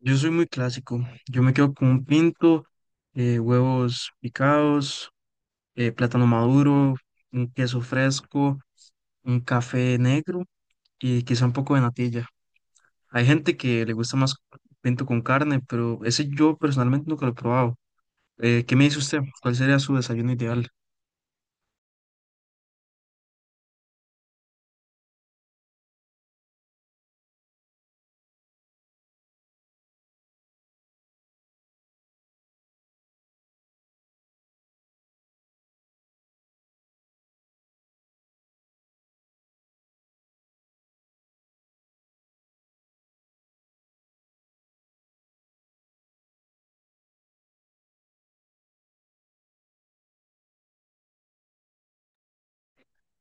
Yo soy muy clásico. Yo me quedo con un pinto, huevos picados, plátano maduro, un queso fresco, un café negro y quizá un poco de natilla. Hay gente que le gusta más pinto con carne, pero ese yo personalmente nunca lo he probado. ¿qué me dice usted? ¿Cuál sería su desayuno ideal?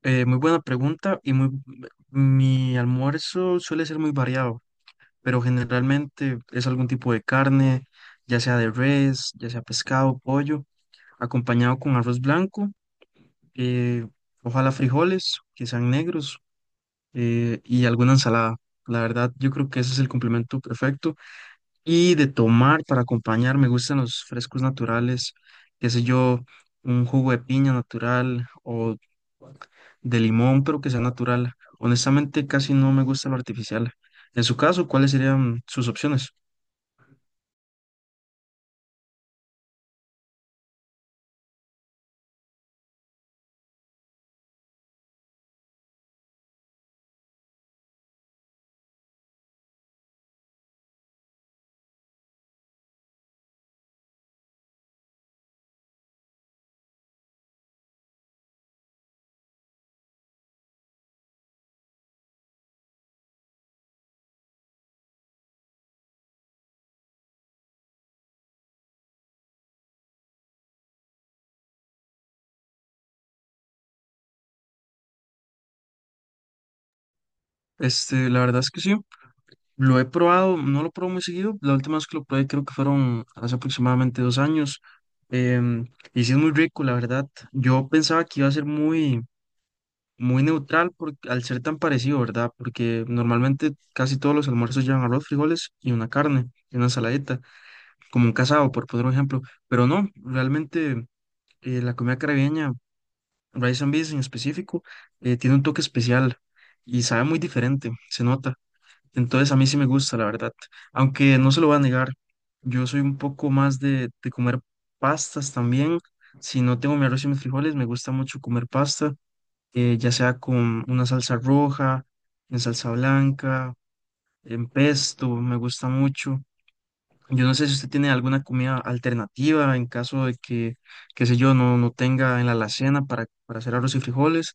Muy buena pregunta. Mi almuerzo suele ser muy variado, pero generalmente es algún tipo de carne, ya sea de res, ya sea pescado, pollo, acompañado con arroz blanco, eh, ojalá frijoles que sean negros y alguna ensalada. La verdad, yo creo que ese es el complemento perfecto. Y de tomar para acompañar, me gustan los frescos naturales, qué sé yo, un jugo de piña natural o de limón, pero que sea natural. Honestamente, casi no me gusta lo artificial. En su caso, ¿cuáles serían sus opciones? Este, la verdad es que sí. Lo he probado, no lo pruebo muy seguido. La última vez que lo probé creo que fueron hace aproximadamente dos años. em, y sí es muy rico, la verdad. Yo pensaba que iba a ser muy neutral por, al ser tan parecido, ¿verdad? Porque normalmente casi todos los almuerzos llevan arroz, frijoles y una carne, y una ensaladita, como un casado, por poner un ejemplo. Pero no, realmente la comida caribeña, rice and beans en específico, tiene un toque especial y sabe muy diferente, se nota. Entonces a mí sí me gusta, la verdad. Aunque no se lo voy a negar, yo soy un poco más de comer pastas también. Si no tengo mi arroz y mis frijoles, me gusta mucho comer pasta, ya sea con una salsa roja, en salsa blanca, en pesto, me gusta mucho. Yo no sé si usted tiene alguna comida alternativa en caso de que, qué sé yo, no tenga en la alacena para hacer arroz y frijoles.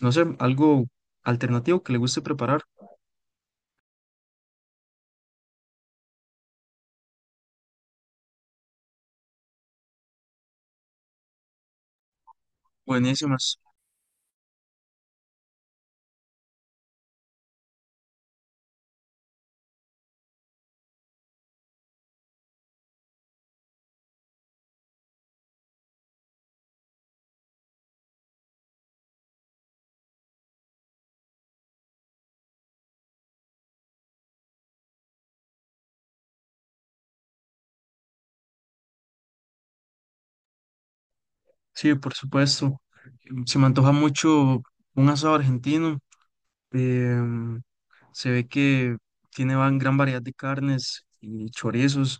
No sé, algo alternativo que le guste preparar. Buenísimas. Sí, por supuesto. Se me antoja mucho un asado argentino. em, Se ve que tiene gran variedad de carnes y chorizos.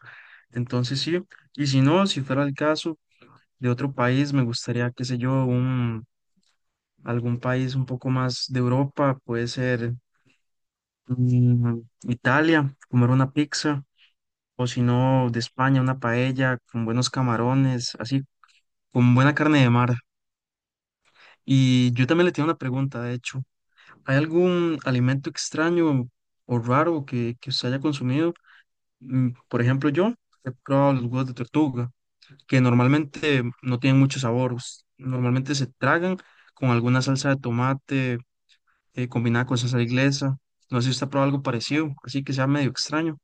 Entonces sí, y si no, si fuera el caso de otro país, me gustaría, qué sé yo, un, algún país un poco más de Europa, puede ser mm, Italia, comer una pizza, o si no, de España, una paella con buenos camarones, así, con buena carne de mar. Y yo también le tengo una pregunta, de hecho. ¿Hay algún alimento extraño o raro que usted haya consumido? Por ejemplo, yo he probado los huevos de tortuga, que normalmente no tienen mucho sabor. Normalmente se tragan con alguna salsa de tomate combinada con salsa inglesa. No sé si usted ha probado algo parecido, así que sea medio extraño.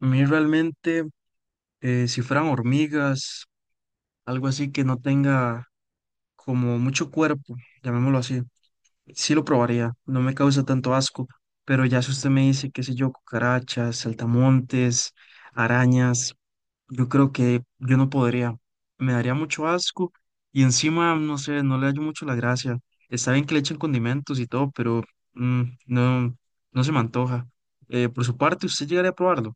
A mí realmente, si fueran hormigas, algo así que no tenga como mucho cuerpo, llamémoslo así. Sí lo probaría, no me causa tanto asco, pero ya si usted me dice, qué sé yo, cucarachas, saltamontes, arañas, yo creo que yo no podría, me daría mucho asco y encima, no sé, no le hallo mucho la gracia. Está bien que le echen condimentos y todo, pero no, no se me antoja. ¿Por su parte, usted llegaría a probarlo?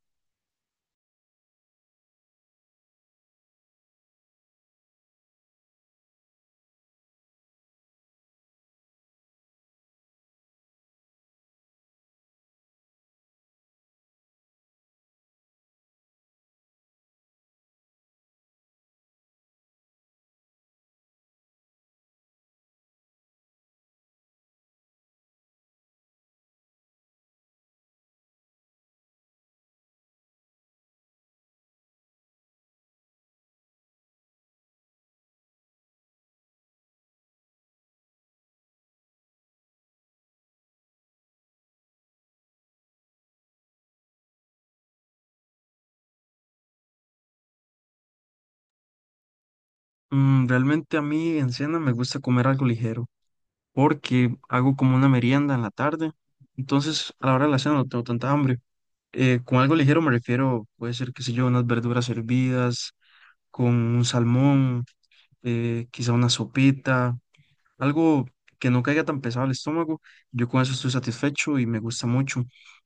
Realmente a mí en cena me gusta comer algo ligero, porque hago como una merienda en la tarde, entonces a la hora de la cena no tengo tanta hambre. Con algo ligero me refiero, puede ser, qué sé yo, unas verduras hervidas, con un salmón, quizá una sopita, algo que no caiga tan pesado al estómago. Yo con eso estoy satisfecho y me gusta mucho.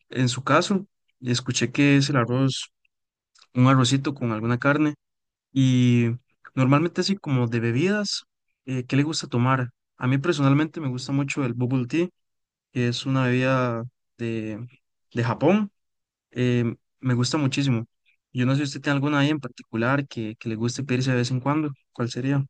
En su caso, escuché que es el arroz, un arrocito con alguna carne y normalmente así como de bebidas, ¿qué le gusta tomar? A mí personalmente me gusta mucho el bubble tea, que es una bebida de, de Japón, eh, me gusta muchísimo. Yo no sé si usted tiene alguna ahí en particular que le guste pedirse de vez en cuando. ¿Cuál sería?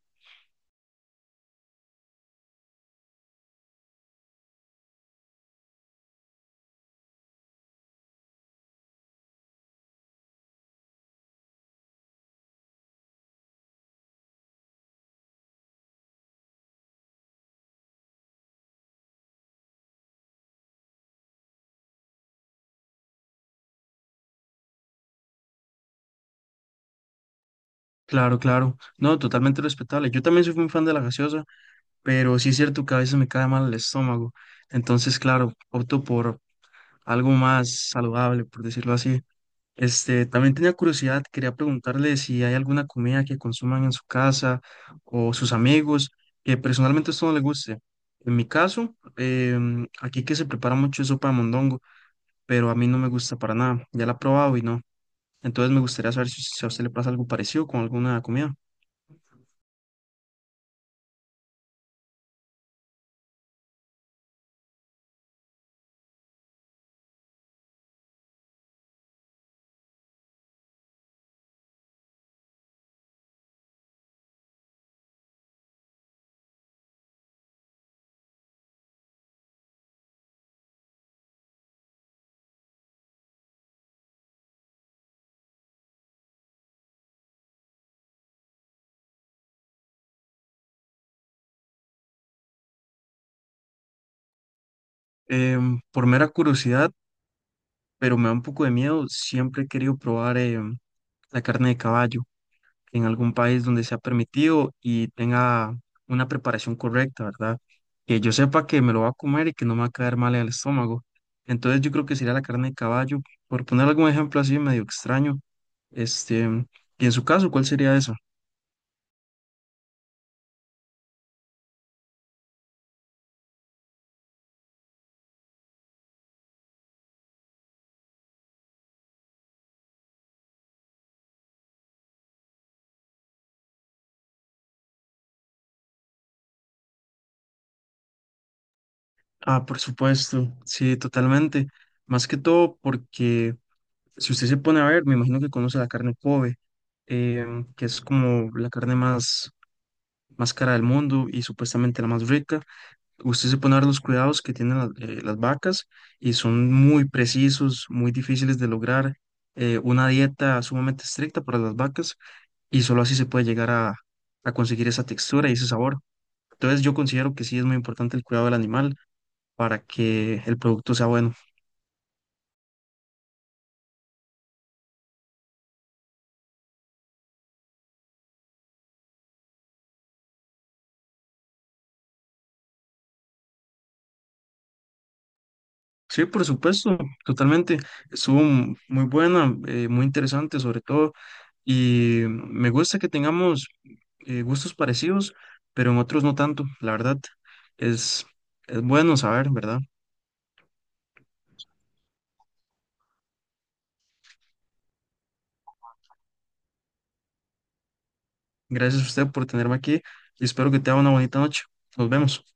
Claro, claro. No, totalmente respetable. Yo también soy un fan de la gaseosa, pero sí es cierto que a veces me cae mal el estómago. Entonces, claro, opto por algo más saludable, por decirlo así. Este, también tenía curiosidad, quería preguntarle si hay alguna comida que consuman en su casa o sus amigos, que personalmente a usted no le guste. En mi caso, aquí que se prepara mucho es sopa de mondongo, pero a mí no me gusta para nada. Ya la he probado y no. Entonces me gustaría saber si a usted le pasa algo parecido con alguna comida. Por mera curiosidad, pero me da un poco de miedo, siempre he querido probar la carne de caballo en algún país donde sea permitido y tenga una preparación correcta, ¿verdad? Que yo sepa que me lo va a comer y que no me va a caer mal en el estómago. Entonces yo creo que sería la carne de caballo, por poner algún ejemplo así medio extraño. Este, y en su caso, ¿cuál sería esa? Ah, por supuesto, sí, totalmente. Más que todo porque si usted se pone a ver, me imagino que conoce la carne Kobe, que es como la carne más cara del mundo y supuestamente la más rica. Usted se pone a ver los cuidados que tienen las vacas y son muy precisos, muy difíciles de lograr. Una dieta sumamente estricta para las vacas y solo así se puede llegar a conseguir esa textura y ese sabor. Entonces yo considero que sí es muy importante el cuidado del animal para que el producto sea bueno. Sí, por supuesto, totalmente. Estuvo muy buena, muy interesante sobre todo, y me gusta que tengamos gustos parecidos, pero en otros no tanto. La verdad, es, es bueno saber, ¿verdad? Gracias a usted por tenerme aquí y espero que te tenga una bonita noche. Nos vemos.